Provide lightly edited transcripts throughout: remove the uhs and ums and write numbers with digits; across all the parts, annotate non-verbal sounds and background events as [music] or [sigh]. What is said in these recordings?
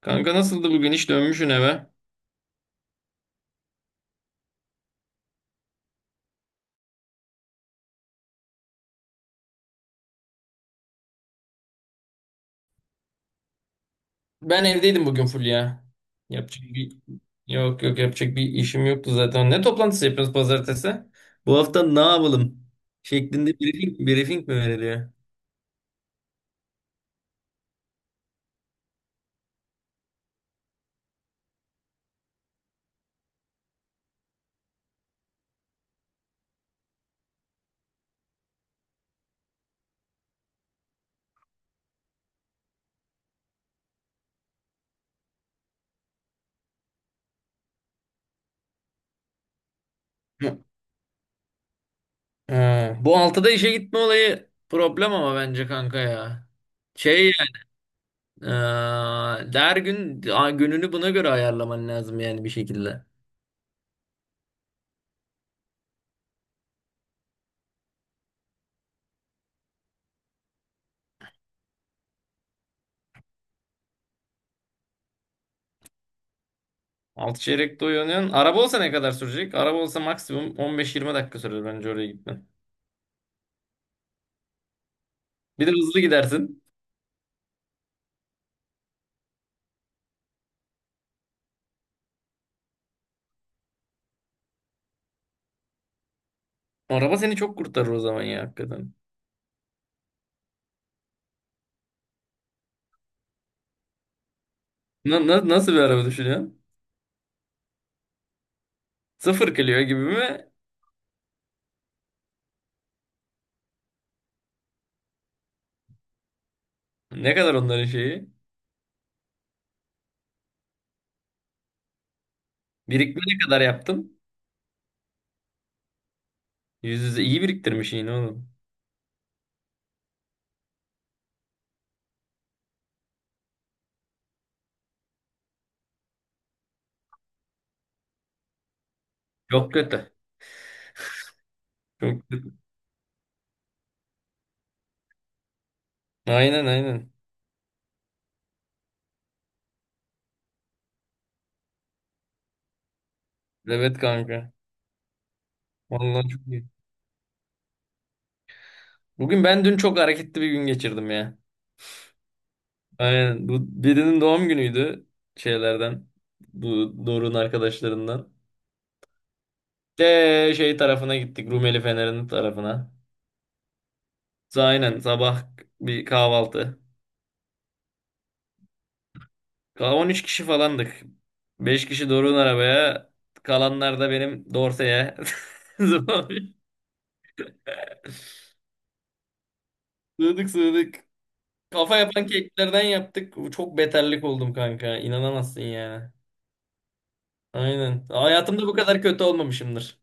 Kanka nasıldı bugün? Hiç dönmüşsün eve. Ben evdeydim bugün full ya. Yapacak bir Yok, yok, yapacak bir işim yoktu zaten. Ne toplantısı yapıyoruz pazartesi? Bu hafta ne yapalım? Şeklinde briefing mi veriliyor? Hı. Ha, bu altıda işe gitme olayı problem ama bence kanka ya. Şey yani, her gün gününü buna göre ayarlaman lazım yani bir şekilde. Altı çeyrekte uyanıyorsun. Araba olsa ne kadar sürecek? Araba olsa maksimum 15-20 dakika sürer bence oraya gitmen. Bir de hızlı gidersin. Araba seni çok kurtarır o zaman ya hakikaten. Nasıl bir araba düşünüyorsun? Sıfır Clio gibi mi? Ne kadar onların şeyi? Birikme ne kadar yaptın? Yüz yüze iyi biriktirmiş yine oğlum. Çok kötü. Çok kötü. Aynen, aynen. Evet, kanka. Vallahi çok iyi. Bugün ben dün çok hareketli bir gün geçirdim ya. Aynen. Bu birinin doğum günüydü şeylerden. Bu Doruk'un arkadaşlarından. De şey tarafına gittik. Rumeli Fener'in tarafına. Aynen sabah bir kahvaltı. 13 kişi falandık. 5 kişi Doruk'un arabaya. Kalanlar da benim Dorse'ye. [laughs] Sığdık, sığdık. Kafa yapan keklerden yaptık. Çok beterlik oldum kanka. İnanamazsın yani. Aynen. Hayatımda bu kadar kötü olmamışımdır.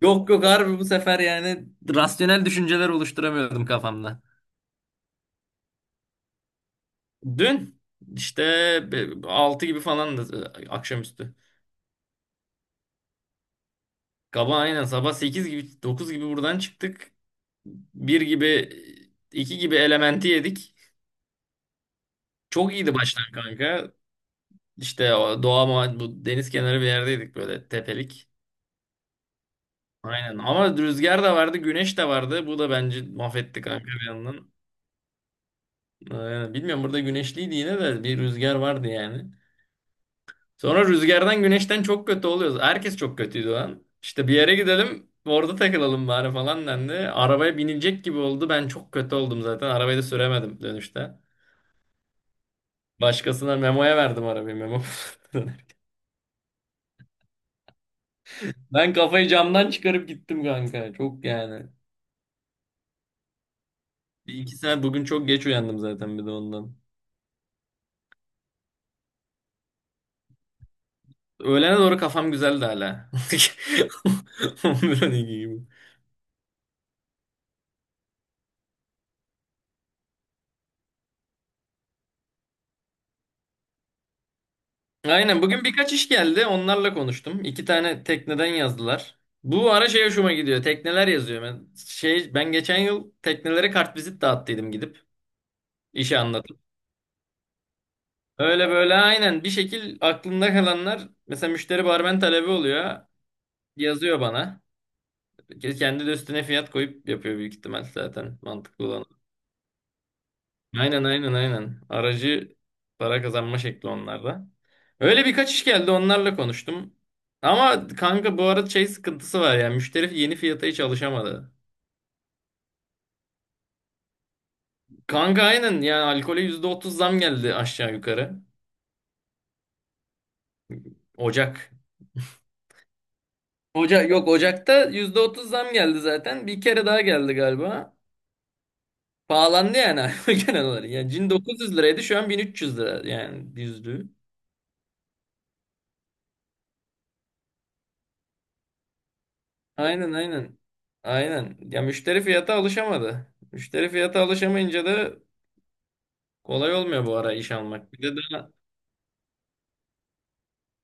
Yok, yok, harbi bu sefer yani rasyonel düşünceler oluşturamıyordum kafamda. Dün işte 6 gibi falandı, akşamüstü. Kaba aynen sabah 8 gibi 9 gibi buradan çıktık. Bir gibi iki gibi elementi yedik. Çok iyiydi başlar kanka. İşte o doğa bu deniz kenarı bir yerdeydik böyle tepelik. Aynen ama rüzgar da vardı, güneş de vardı. Bu da bence mahvetti kanka bir yandan. Aynen. Bilmiyorum, burada güneşliydi yine de bir rüzgar vardı yani. Sonra rüzgardan güneşten çok kötü oluyoruz. Herkes çok kötüydü o an. İşte bir yere gidelim, orada takılalım bari falan dendi. Arabaya binilecek gibi oldu. Ben çok kötü oldum zaten. Arabayı da süremedim dönüşte. Başkasına Memo'ya verdim arabayı, Memo. [laughs] Ben kafayı camdan çıkarıp gittim kanka. Çok yani. Bir iki saat bugün çok geç uyandım zaten bir de ondan. Öğlene doğru kafam güzeldi hala. [laughs] 11-12 gibi. Aynen, bugün birkaç iş geldi. Onlarla konuştum. İki tane tekneden yazdılar. Bu ara şey hoşuma gidiyor. Tekneler yazıyor. Ben, şey, ben geçen yıl teknelere kartvizit dağıttıydım gidip. İşi anlatıp. Öyle böyle aynen bir şekil aklımda kalanlar mesela müşteri barmen talebi oluyor. Yazıyor bana. Kendi de üstüne fiyat koyup yapıyor büyük ihtimal, zaten mantıklı olan. Aynen, aynen, aynen. Aracı para kazanma şekli onlarda. Öyle birkaç iş geldi, onlarla konuştum. Ama kanka bu arada şey sıkıntısı var ya, müşteri yeni fiyata hiç alışamadı. Kanka aynen yani alkole %30 zam geldi aşağı yukarı. Ocak. Ocak yok, Ocak'ta %30 zam geldi zaten. Bir kere daha geldi galiba. Pahalandı yani [laughs] alkol genel olarak. Yani cin 900 liraydı, şu an 1.300 lira yani, yüzlüğü. Aynen, aynen. Aynen. Ya müşteri fiyata alışamadı. Müşteri fiyata alışamayınca da kolay olmuyor bu ara iş almak. Bir de daha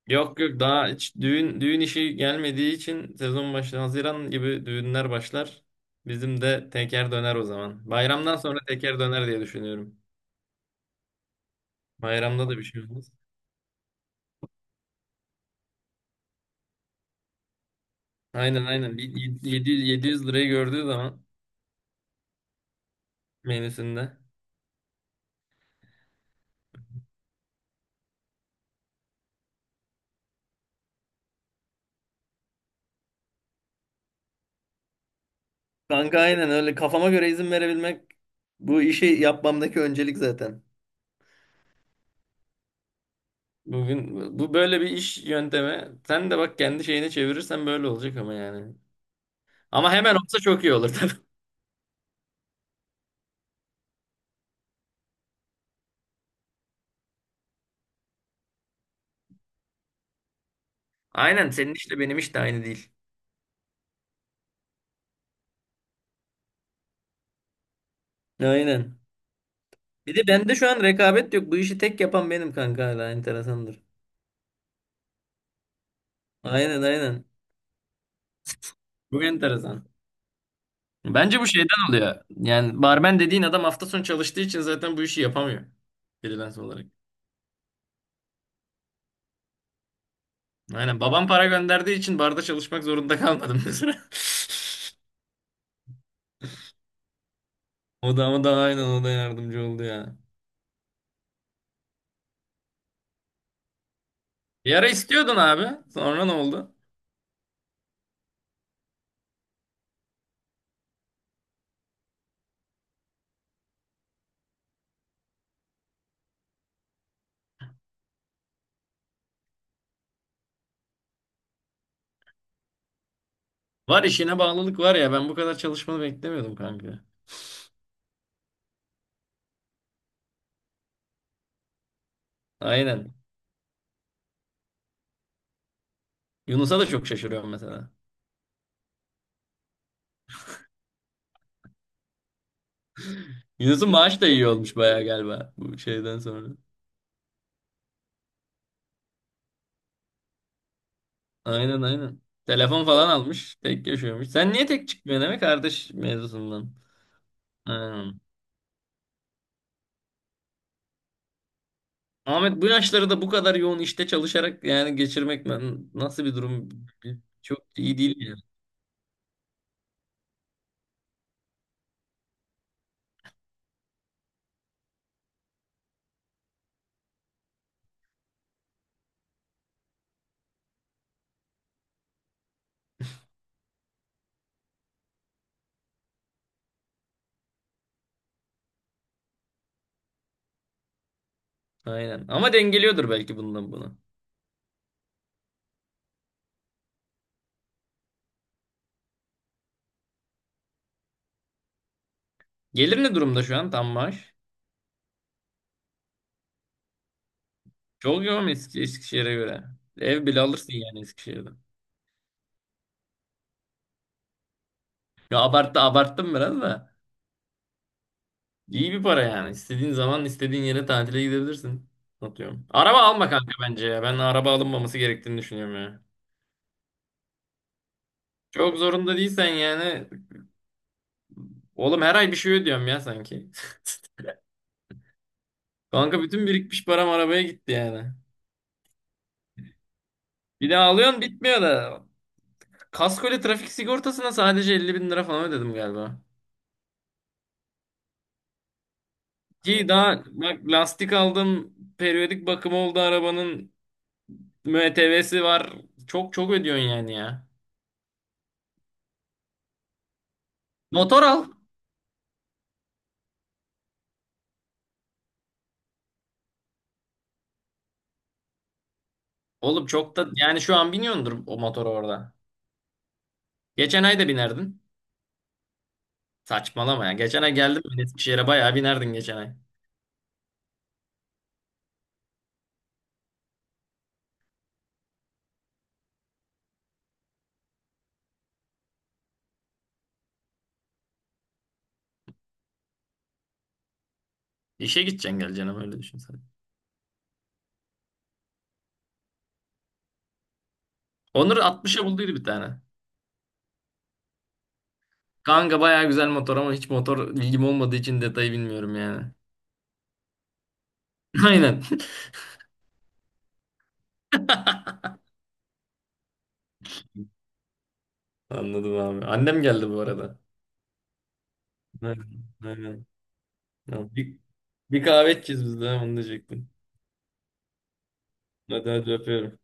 yok, yok, daha hiç düğün işi gelmediği için sezon başlar. Haziran gibi düğünler başlar. Bizim de teker döner o zaman. Bayramdan sonra teker döner diye düşünüyorum. Bayramda da bir şey olmaz. Aynen, aynen. Bir 700, 700 lirayı gördüğü zaman menüsünde. Kanka aynen, öyle kafama göre izin verebilmek bu işi yapmamdaki öncelik zaten. Bugün bu böyle bir iş yöntemi. Sen de bak, kendi şeyine çevirirsen böyle olacak ama yani. Ama hemen olsa çok iyi olur tabii. [laughs] Aynen, senin işle benim iş de aynı değil. Aynen. Bir de bende şu an rekabet yok. Bu işi tek yapan benim kanka, hala enteresandır. Aynen, aynen. Bu enteresan. Bence bu şeyden oluyor. Yani barmen dediğin adam hafta sonu çalıştığı için zaten bu işi yapamıyor. Freelance olarak. Aynen. Babam para gönderdiği için barda çalışmak zorunda kalmadım mesela. [laughs] O da ama da aynen, o da yardımcı oldu ya. Bir ara istiyordun abi. Sonra ne oldu? Var, işine bağlılık var ya. Ben bu kadar çalışmanı beklemiyordum kanka. Aynen. Yunus'a da çok şaşırıyorum mesela. Yunus'un maaşı da iyi olmuş bayağı galiba bu şeyden sonra. Aynen, aynen. Telefon falan almış. Tek yaşıyormuş. Sen niye tek çıkmıyorsun demek kardeş mevzusundan. Aynen. Ahmet bu yaşları da bu kadar yoğun işte çalışarak yani geçirmek, nasıl bir durum, çok iyi değil yani. Aynen. Ama dengeliyordur belki bundan bunu. Gelir ne durumda şu an, tam maaş? Çok yoğun Eskişehir'e göre. Ev bile alırsın yani Eskişehir'den. Ya abarttım biraz da. İyi bir para yani. İstediğin zaman istediğin yere tatile gidebilirsin. Atıyorum. Araba alma kanka bence ya. Ben araba alınmaması gerektiğini düşünüyorum ya. Çok zorunda değilsen yani. Oğlum her ay bir şey ödüyorum ya sanki. [laughs] Kanka bütün birikmiş param arabaya gitti yani. Bir de alıyorsun bitmiyor da. Kaskoyla trafik sigortasına sadece 50 bin lira falan ödedim galiba. Ki daha bak lastik aldım. Periyodik bakımı oldu arabanın. MTV'si var. Çok çok ödüyorsun yani ya. Motor al. Oğlum çok da yani şu an biniyordur o motor orada. Geçen ay da binerdin. Saçmalama ya. Geçen ay geldim ben Eskişehir'e, bayağı binerdin geçen ay. İşe gideceksin geleceksin ama öyle düşün sen. Onur 60'a bulduydu bir tane. Kanka bayağı güzel motor ama hiç motor bilgim olmadığı için detayı bilmiyorum yani. [laughs] Aynen. Anladım abi. Annem geldi bu arada. Aynen. Aynen. Ya bir kahve içeceğiz biz de. Ha, onu diyecektim. Hadi, hadi öpüyorum.